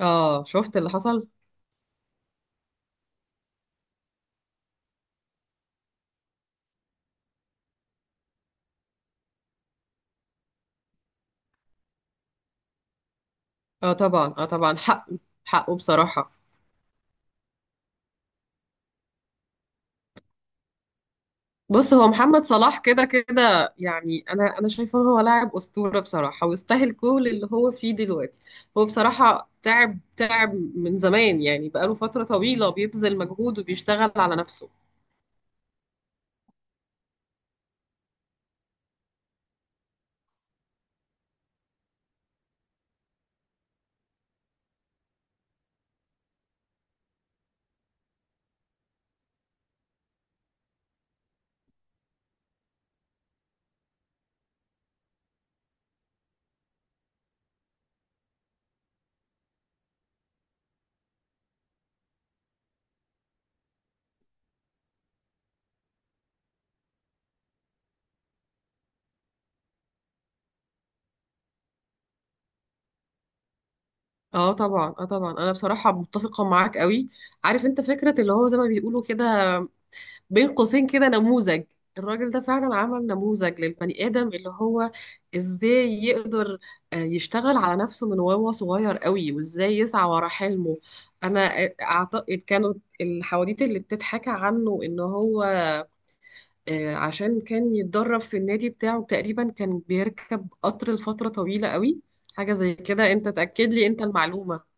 اه، شفت اللي حصل. اه طبعا، اه طبعا، حقه. حقه بصراحة. بص، هو محمد صلاح كده كده، يعني انا شايفه إن هو لاعب اسطورة بصراحة، ويستاهل كل اللي هو فيه دلوقتي. هو بصراحة تعب تعب من زمان، يعني بقاله فترة طويلة بيبذل مجهود وبيشتغل على نفسه. اه طبعا، اه طبعا، انا بصراحة متفقة معاك قوي. عارف انت فكرة اللي هو زي ما بيقولوا كده، بين قوسين كده، نموذج. الراجل ده فعلا عمل نموذج للبني آدم، اللي هو ازاي يقدر يشتغل على نفسه من وهو صغير قوي، وازاي يسعى ورا حلمه. انا اعتقد كانوا الحواديت اللي بتتحكى عنه ان هو عشان كان يتدرب في النادي بتاعه، تقريبا كان بيركب قطر لفترة طويلة قوي. حاجة زي كده، انت تأكد لي انت المعلومة.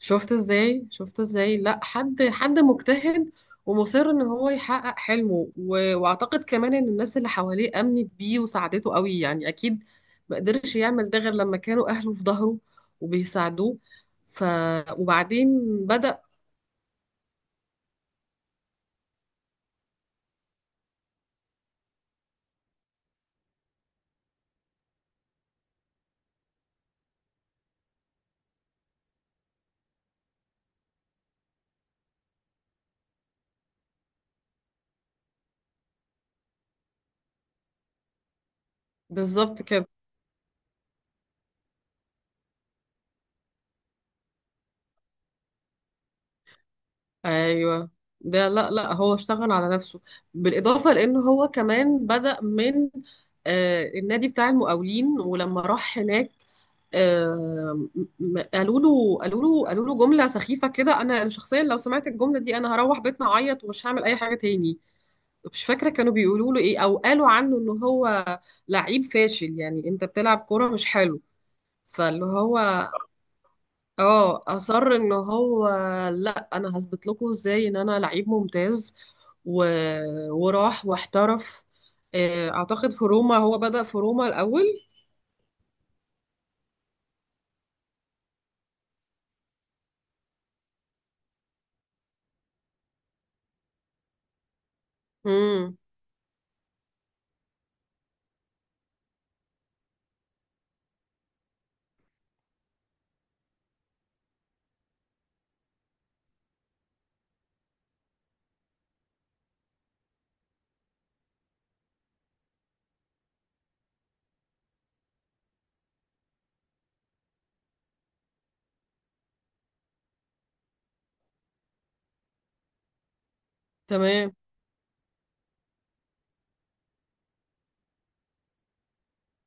شفت ازاي، شفت ازاي، لا، حد مجتهد، ومصر ان هو يحقق حلمه، واعتقد كمان ان الناس اللي حواليه امنت بيه وساعدته قوي، يعني اكيد ما قدرش يعمل ده غير لما كانوا اهله في ظهره وبيساعدوه. ف... وبعدين بدأ. بالظبط كده. ايوه. ده لا، لا هو اشتغل على نفسه، بالاضافه لان هو كمان بدأ من النادي بتاع المقاولين. ولما راح هناك آه، قالوا له جمله سخيفه كده، انا شخصيا لو سمعت الجمله دي انا هروح بيتنا اعيط ومش هعمل اي حاجه تاني. مش فاكره كانوا بيقولوا له ايه، او قالوا عنه ان هو لعيب فاشل، يعني انت بتلعب كوره مش حلو. فاللي هو اه اصر ان هو، لا انا هثبت لكم ازاي ان انا لعيب ممتاز. و... وراح واحترف. اعتقد في روما، هو بدأ في روما الاول. امم، تمام،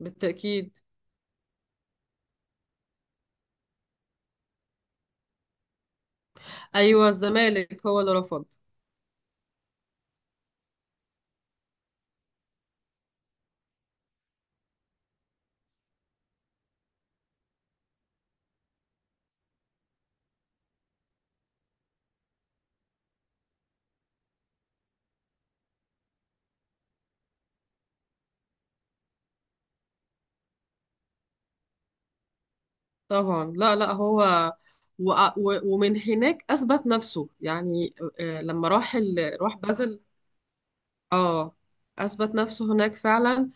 بالتأكيد. ايوه، الزمالك هو اللي رفض. طبعا. لا، لا هو، ومن هناك اثبت نفسه، يعني لما راح راح بازل. اه، اثبت نفسه هناك فعلا.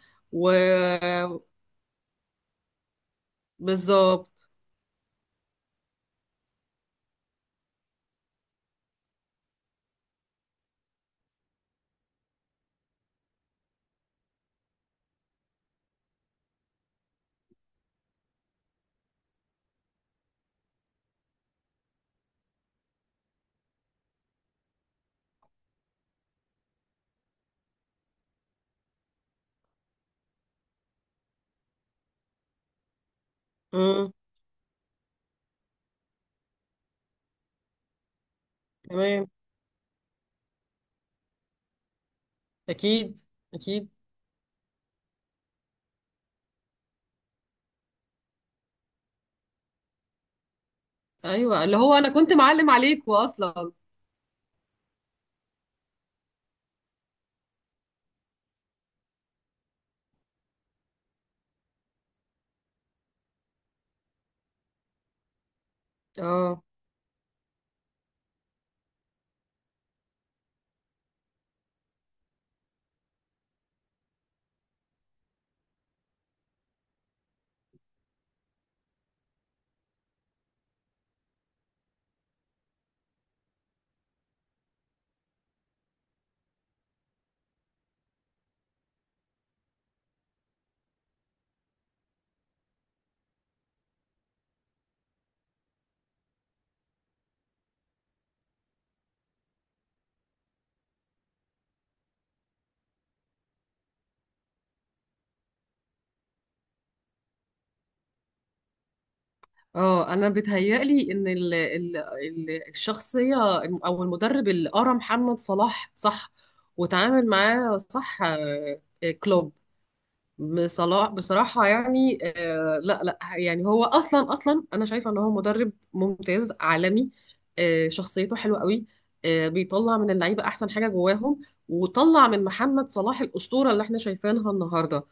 وبالظبط. امم، تمام، اكيد، اكيد. ايوه، اللي هو انا كنت معلم عليكوا اصلا. اه، اه، انا بيتهيألي ان ال ال ال الشخصيه، او المدرب اللي قرا محمد صلاح صح، وتعامل معاه صح، كلوب. بصلاح بصراحة، يعني لا، لا، يعني هو أصلا أنا شايفة إن هو مدرب ممتاز عالمي. شخصيته حلوة قوي. بيطلع من اللعيبة أحسن حاجة جواهم، وطلع من محمد صلاح الأسطورة اللي احنا شايفينها النهاردة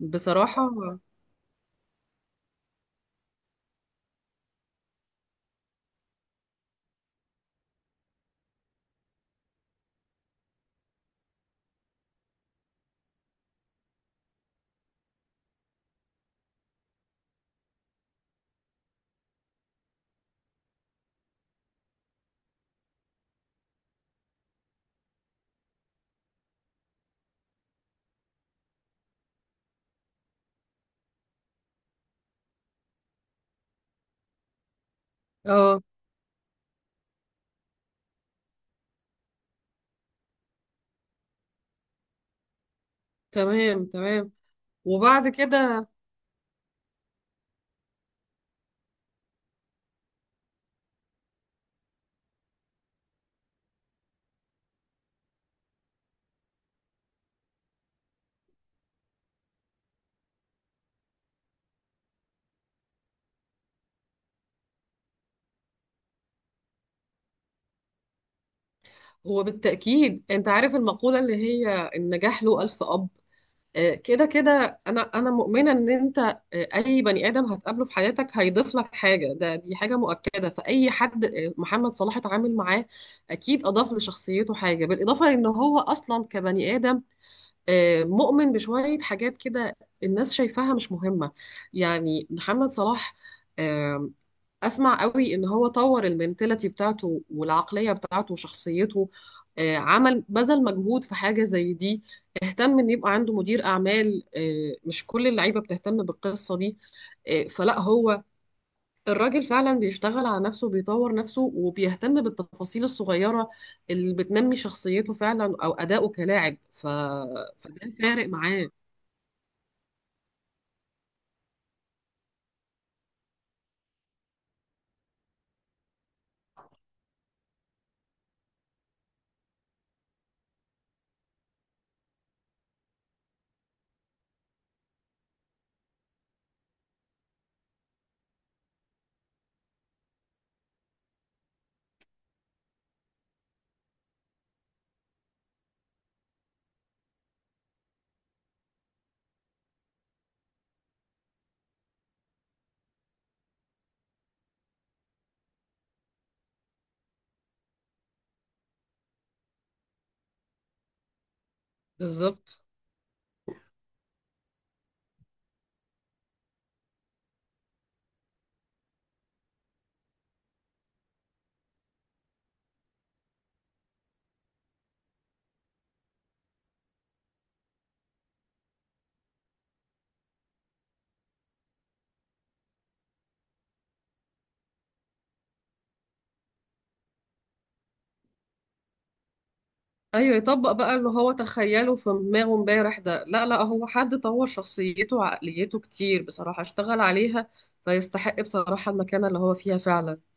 بصراحة. اه، تمام، تمام. وبعد كده هو بالتأكيد. أنت عارف المقولة اللي هي النجاح له 1000 أب. كده كده، انا مؤمنه ان انت، اي بني ادم هتقابله في حياتك هيضيف لك حاجه، ده دي حاجه مؤكده، فاي حد محمد صلاح اتعامل معاه اكيد اضاف لشخصيته حاجه، بالاضافه ان هو اصلا كبني ادم مؤمن بشويه حاجات كده الناس شايفاها مش مهمه. يعني محمد صلاح آه، اسمع قوي ان هو طور المنتاليتي بتاعته والعقليه بتاعته وشخصيته. عمل بذل مجهود في حاجه زي دي. اهتم ان يبقى عنده مدير اعمال، مش كل اللعيبه بتهتم بالقصه دي. فلا هو، الراجل فعلا بيشتغل على نفسه، بيطور نفسه وبيهتم بالتفاصيل الصغيره اللي بتنمي شخصيته فعلا، او اداؤه كلاعب. فده فارق معاه. بالظبط. ايوه، يطبق بقى اللي هو تخيله في دماغه امبارح. ده لا، لا هو حد طور شخصيته وعقليته كتير بصراحة، اشتغل عليها فيستحق بصراحة المكانة اللي هو فيها فعلا.